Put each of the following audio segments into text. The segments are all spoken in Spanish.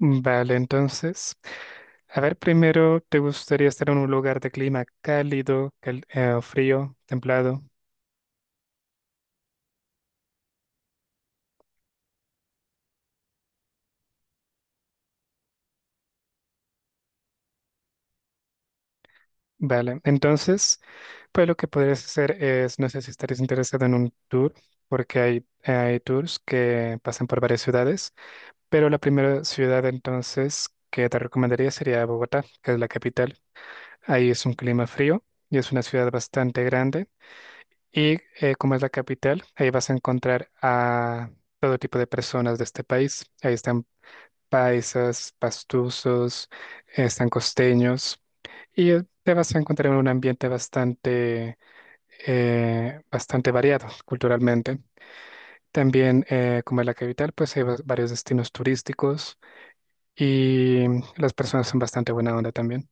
Vale, entonces, a ver, primero, ¿te gustaría estar en un lugar de clima cálido, o frío, templado? Vale, entonces, pues lo que podrías hacer es, no sé si estarías interesado en un tour, porque hay tours que pasan por varias ciudades, pero la primera ciudad entonces que te recomendaría sería Bogotá, que es la capital. Ahí es un clima frío y es una ciudad bastante grande. Y como es la capital, ahí vas a encontrar a todo tipo de personas de este país. Ahí están paisas, pastusos, están costeños. Y te vas a encontrar en un ambiente bastante variado culturalmente. También, como es la capital, pues hay varios destinos turísticos y las personas son bastante buena onda también.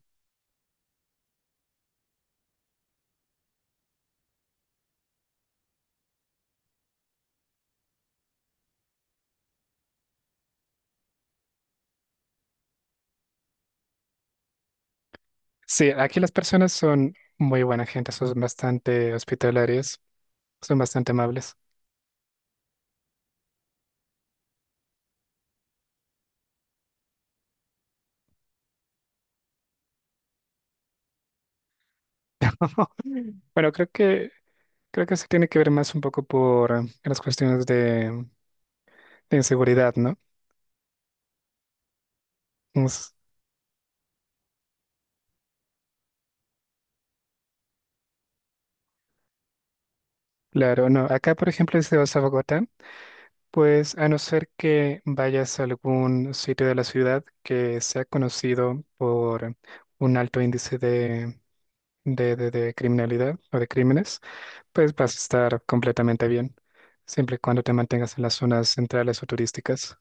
Sí, aquí las personas son muy buena gente, son bastante hospitalarias, son bastante amables. Bueno, creo que Creo que eso tiene que ver más un poco por las cuestiones de inseguridad, ¿no? Es- claro, no. Acá, por ejemplo, si vas a Bogotá, pues a no ser que vayas a algún sitio de la ciudad que sea conocido por un alto índice de, de criminalidad o de crímenes, pues vas a estar completamente bien, siempre y cuando te mantengas en las zonas centrales o turísticas.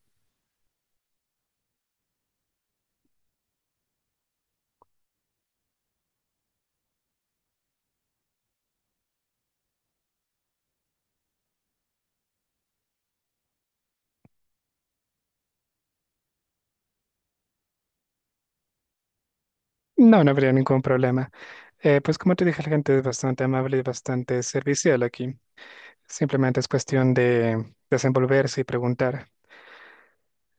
No, no habría ningún problema. Pues como te dije, la gente es bastante amable y bastante servicial aquí. Simplemente es cuestión de desenvolverse y preguntar.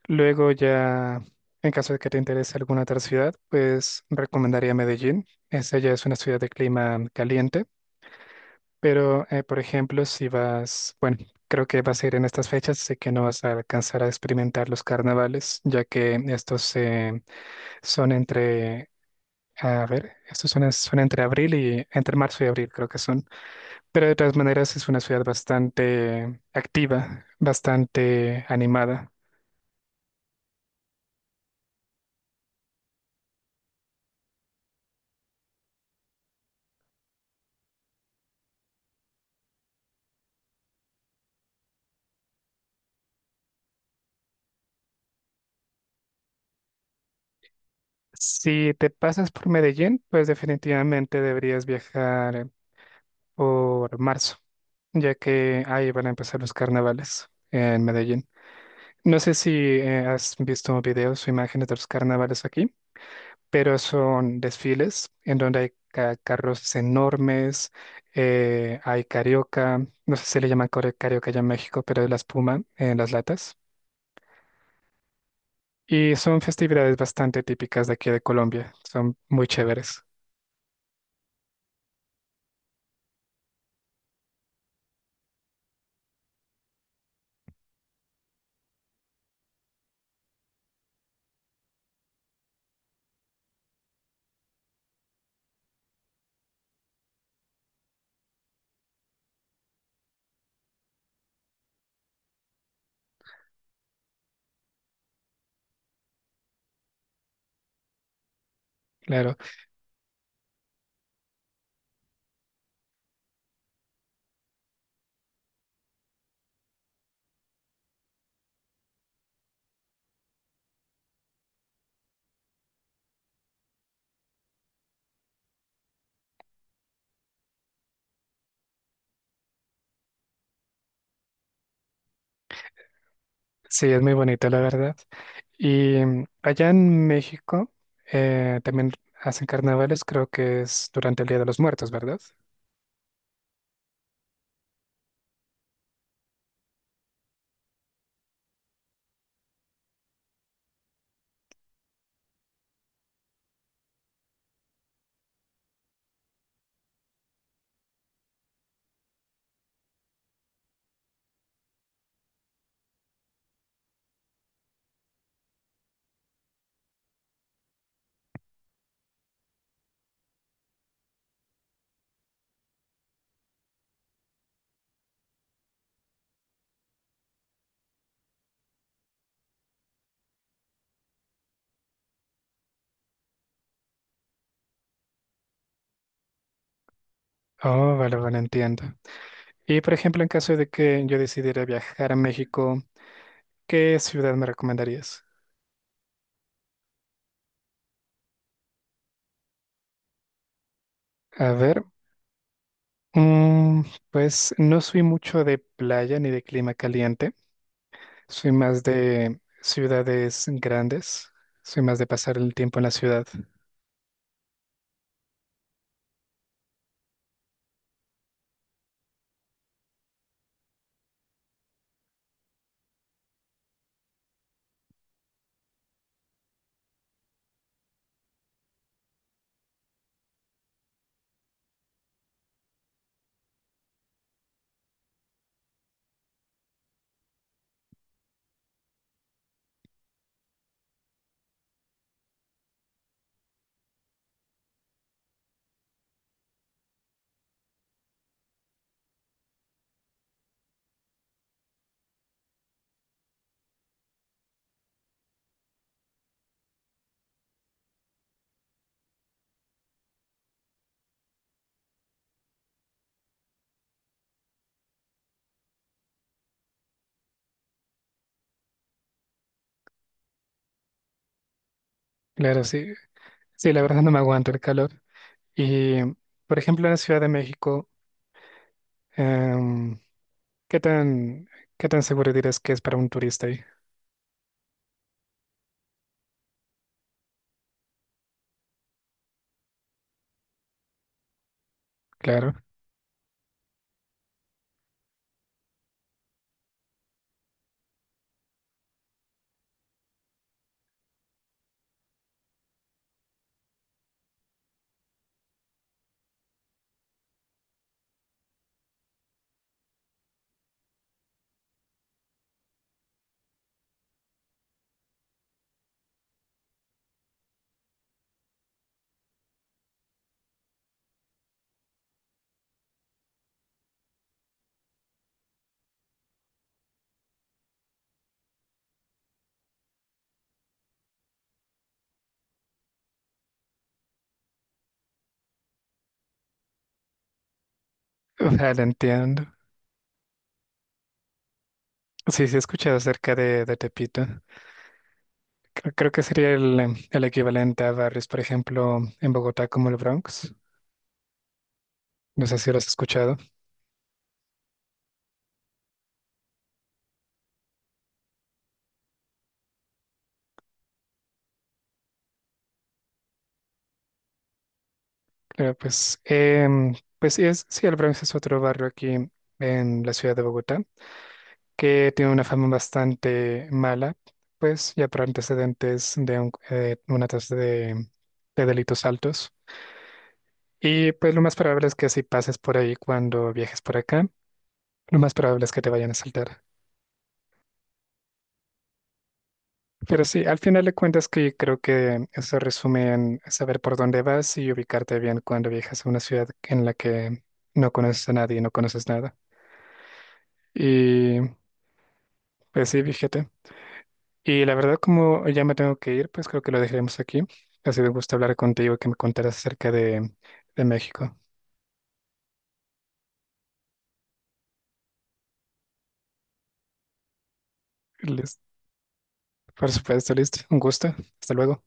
Luego ya, en caso de que te interese alguna otra ciudad, pues recomendaría Medellín. Esa ya es una ciudad de clima caliente, pero por ejemplo, si vas, bueno, creo que vas a ir en estas fechas, sé que no vas a alcanzar a experimentar los carnavales, ya que son entre, estos son entre abril y, entre marzo y abril, creo que son. Pero de todas maneras es una ciudad bastante activa, bastante animada. Si te pasas por Medellín, pues definitivamente deberías viajar por marzo, ya que ahí van a empezar los carnavales en Medellín. No sé si has visto videos o imágenes de los carnavales aquí, pero son desfiles en donde hay carros enormes, hay carioca, no sé si le llaman carioca ya en México, pero es la espuma en las latas. Y son festividades bastante típicas de aquí de Colombia. Son muy chéveres, claro. Sí, es muy bonito, la verdad. Y allá en México también hacen carnavales, creo que es durante el Día de los Muertos, ¿verdad? Oh, vale, vale, entiendo. Y por ejemplo, en caso de que yo decidiera viajar a México, ¿qué ciudad me recomendarías? A ver, mm, pues no soy mucho de playa ni de clima caliente, soy más de ciudades grandes, soy más de pasar el tiempo en la ciudad. Claro, sí, sí, la verdad no me aguanto el calor. Y, por ejemplo, en la Ciudad de México, em, ¿qué tan, qué tan seguro dirás que es para un turista ahí? Claro, vale, entiendo. Sí, sí, he escuchado acerca de Tepito. Creo que sería el equivalente a barrios, por ejemplo, en Bogotá como el Bronx. No sé si lo has escuchado. Claro, pues, pues sí es, sí, el Bronx es otro barrio aquí en la ciudad de Bogotá que tiene una fama bastante mala, pues ya por antecedentes de una tasa de delitos altos. Y pues lo más probable es que si pases por ahí cuando viajes por acá, lo más probable es que te vayan a asaltar. Pero sí, al final de cuentas que creo que eso resume en saber por dónde vas y ubicarte bien cuando viajas a una ciudad en la que no conoces a nadie y no conoces nada. Y pues sí, fíjate. Y la verdad, como ya me tengo que ir, pues creo que lo dejaremos aquí. Ha sido un gusto hablar contigo y que me contaras acerca de México. Lis- Por supuesto, listo. Un gusto. Hasta luego.